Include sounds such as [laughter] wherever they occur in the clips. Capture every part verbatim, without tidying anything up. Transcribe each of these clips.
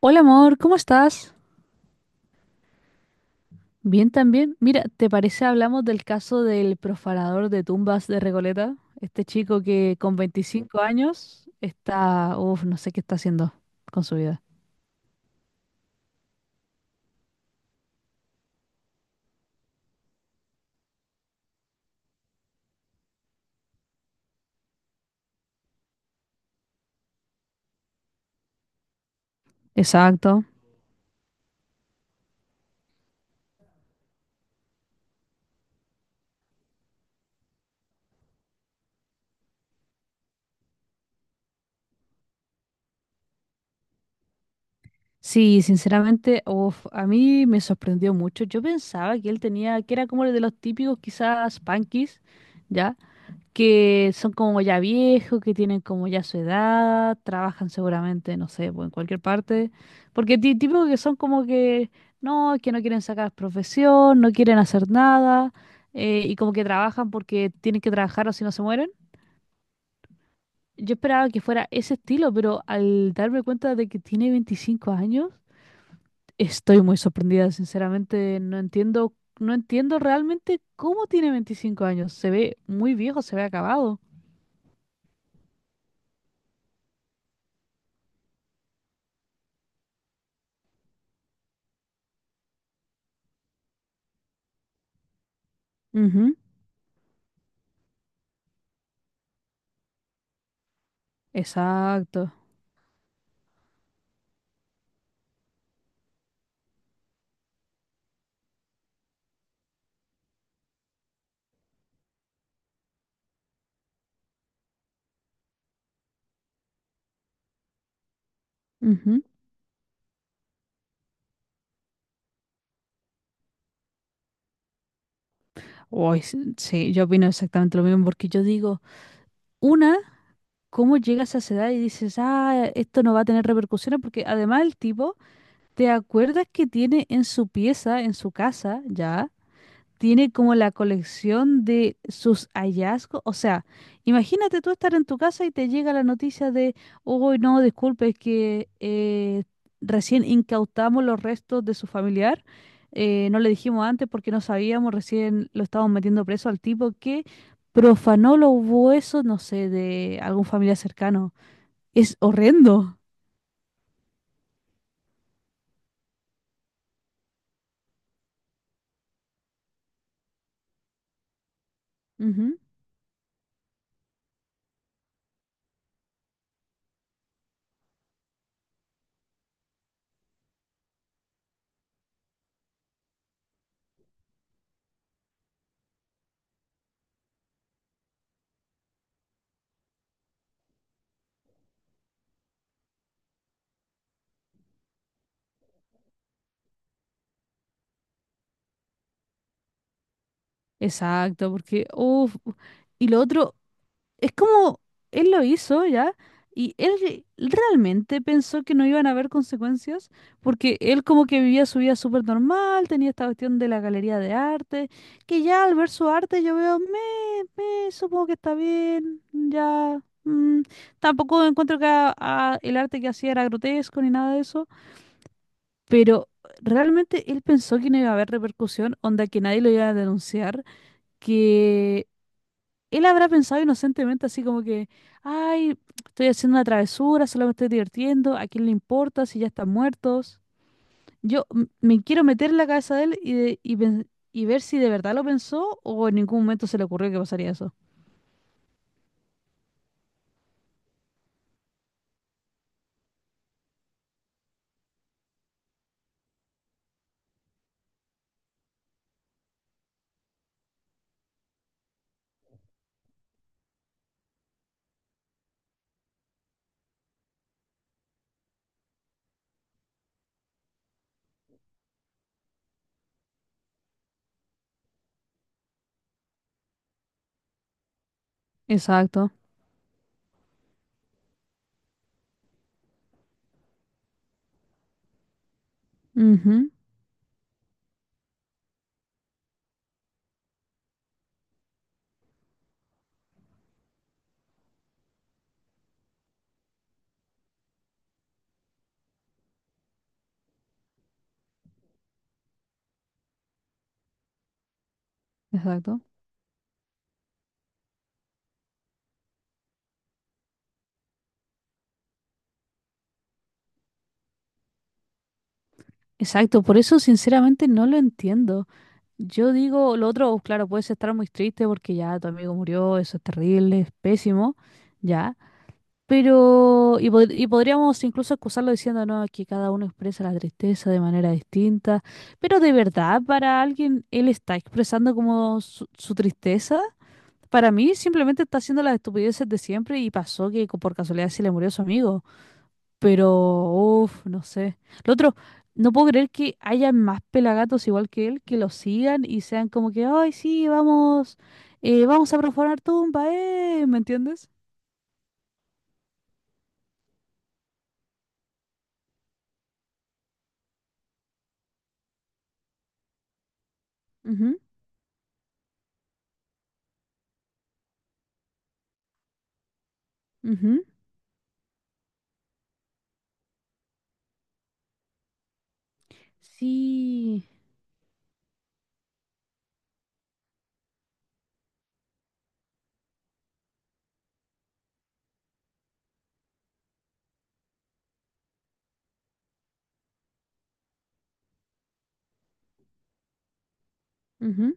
Hola amor, ¿cómo estás? Bien también. Mira, ¿te parece hablamos del caso del profanador de tumbas de Recoleta? Este chico que con veinticinco años está, uff, no sé qué está haciendo con su vida. Exacto. Sí, sinceramente, uff, a mí me sorprendió mucho. Yo pensaba que él tenía, que era como el de los típicos quizás punkis, ¿ya? Que son como ya viejos, que tienen como ya su edad, trabajan seguramente, no sé, pues en cualquier parte, porque ti- típico que son como que no, que no quieren sacar profesión, no quieren hacer nada, eh, y como que trabajan porque tienen que trabajar o si no se mueren. Yo esperaba que fuera ese estilo, pero al darme cuenta de que tiene veinticinco años, estoy muy sorprendida, sinceramente, no entiendo, no entiendo realmente cómo tiene veinticinco años, se ve muy viejo, se ve acabado. Exacto. Ujú. Uy, s- sí, yo opino exactamente lo mismo, porque yo digo, una, ¿cómo llegas a esa edad y dices, ah, esto no va a tener repercusiones? Porque además el tipo, ¿te acuerdas que tiene en su pieza, en su casa, ya? Tiene como la colección de sus hallazgos. O sea, imagínate tú estar en tu casa y te llega la noticia de, uy, no, disculpe, es que eh, recién incautamos los restos de su familiar. Eh, no le dijimos antes porque no sabíamos, recién lo estábamos metiendo preso al tipo que profanó los huesos, no sé, de algún familiar cercano. Es horrendo. Ujú. Exacto, porque, uff, y lo otro, es como él lo hizo ya y él re- realmente pensó que no iban a haber consecuencias porque él como que vivía su vida súper normal, tenía esta cuestión de la galería de arte, que ya al ver su arte yo veo, me, me, supongo que está bien, ya. mm, Tampoco encuentro que a- a- el arte que hacía era grotesco ni nada de eso, pero realmente él pensó que no iba a haber repercusión, onda que nadie lo iba a denunciar, que él habrá pensado inocentemente así como que, ay, estoy haciendo una travesura, solo me estoy divirtiendo, ¿a quién le importa si ya están muertos? Yo m- me quiero meter en la cabeza de él y, de- y, pen- y ver si de verdad lo pensó o en ningún momento se le ocurrió que pasaría eso. Exacto. Ujú. Exacto. Exacto, por eso sinceramente no lo entiendo. Yo digo, lo otro, claro, puedes estar muy triste porque ya tu amigo murió, eso es terrible, es pésimo, ya. Pero, y, pod- y podríamos incluso excusarlo diciendo, no, que cada uno expresa la tristeza de manera distinta, pero de verdad, para alguien, él está expresando como su, su tristeza. Para mí, simplemente está haciendo las estupideces de siempre y pasó que co- por casualidad se le murió su amigo. Pero, uff, no sé. Lo otro, no puedo creer que haya más pelagatos igual que él que lo sigan y sean como que, ay, sí, vamos, eh, vamos a profanar tumba, ¿eh? ¿Me entiendes? Ujú, ujú. Sí. Ujú.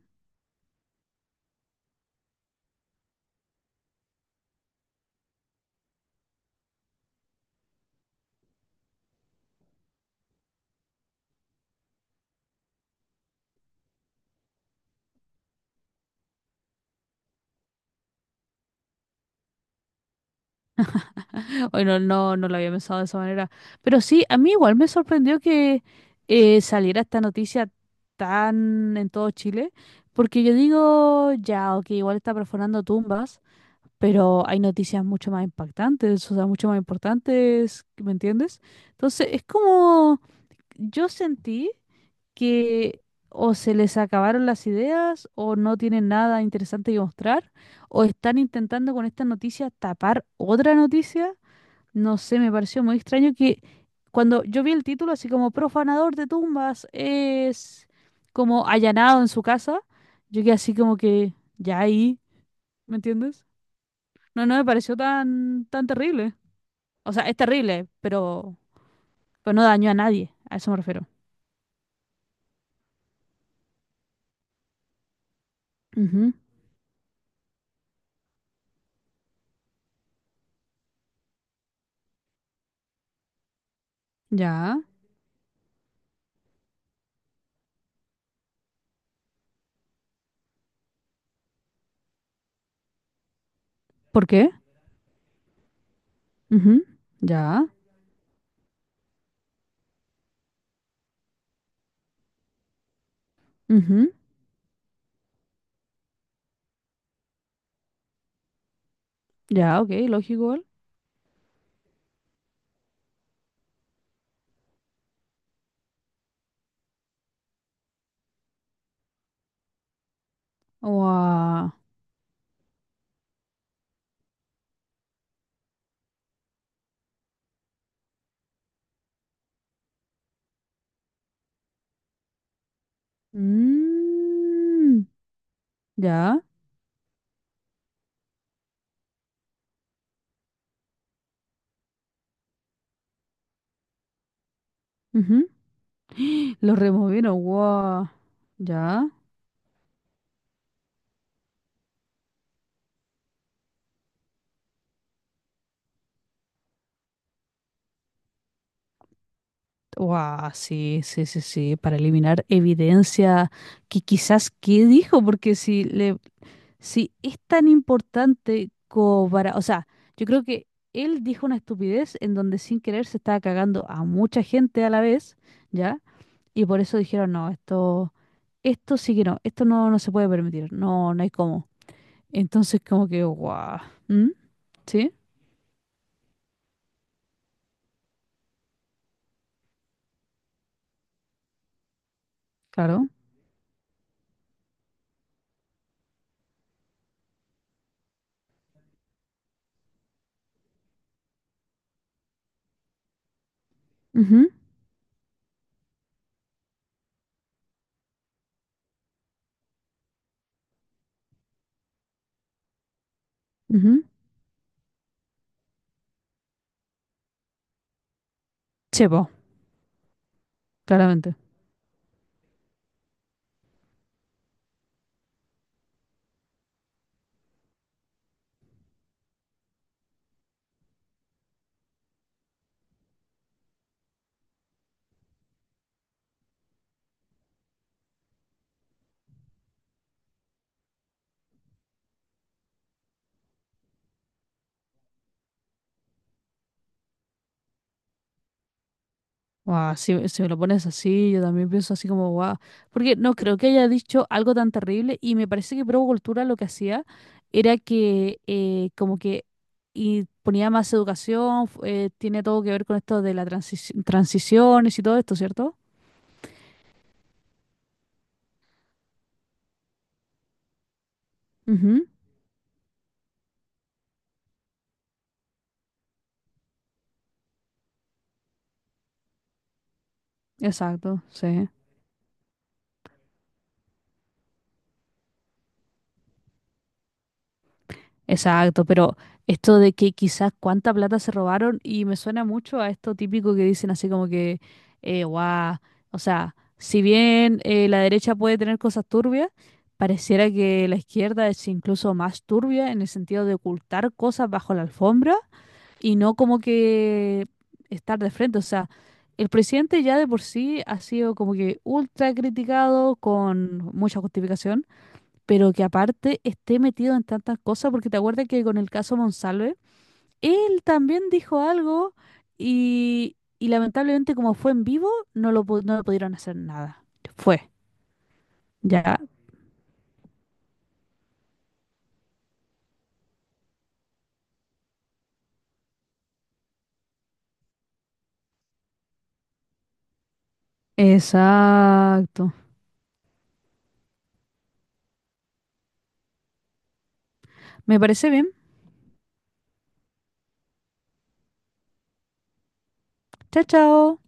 Hoy no, no, no lo había pensado de esa manera. Pero sí, a mí igual me sorprendió que eh, saliera esta noticia tan en todo Chile, porque yo digo, ya, ok, igual está perforando tumbas, pero hay noticias mucho más impactantes, o sea, mucho más importantes, ¿me entiendes? Entonces, es como yo sentí. Que o se les acabaron las ideas o no tienen nada interesante que mostrar o están intentando con esta noticia tapar otra noticia. No sé, me pareció muy extraño que cuando yo vi el título así como profanador de tumbas es como allanado en su casa, yo quedé así como que ya ahí, ¿me entiendes? No, no me pareció tan tan terrible. O sea, es terrible, pero pero no dañó a nadie, a eso me refiero. Ujú. Ya. ¿Por qué? Ujú. Ya. Ujú. Ya, ok, lógico igual. Guau. Mm, ya. Ujú. [gasps] Los removieron, guau. Ya. Guau, sí, sí, sí, sí. Para eliminar evidencia que quizás qué dijo, porque si le, si es tan importante como para, o sea, yo creo que él dijo una estupidez en donde sin querer se estaba cagando a mucha gente a la vez, ¿ya? Y por eso dijeron, no, esto. Esto sí que no, esto no, no se puede permitir, no, no hay cómo. Entonces, como que, guau, ¿mm? ¿Sí? Claro. Mhm. Mhm. Chepo, claramente. Guau, si, si me lo pones así, yo también pienso así como, guau. Porque no creo que haya dicho algo tan terrible y me parece que Provo Cultura lo que hacía era que eh, como que y ponía más educación, fu- eh, tiene todo que ver con esto de las transiciones y todo esto, ¿cierto? Ujú. Exacto, sí. Exacto, pero esto de que quizás cuánta plata se robaron y me suena mucho a esto típico que dicen así como que, eh, guau, o sea, si bien eh, la derecha puede tener cosas turbias, pareciera que la izquierda es incluso más turbia en el sentido de ocultar cosas bajo la alfombra y no como que estar de frente. O sea, el presidente ya de por sí ha sido como que ultra criticado con mucha justificación, pero que aparte esté metido en tantas cosas, porque te acuerdas que con el caso Monsalve, él también dijo algo y, y lamentablemente como fue en vivo, no lo, pu- no le pudieron hacer nada. Fue, ya. Exacto. Me parece bien. Chao, chao.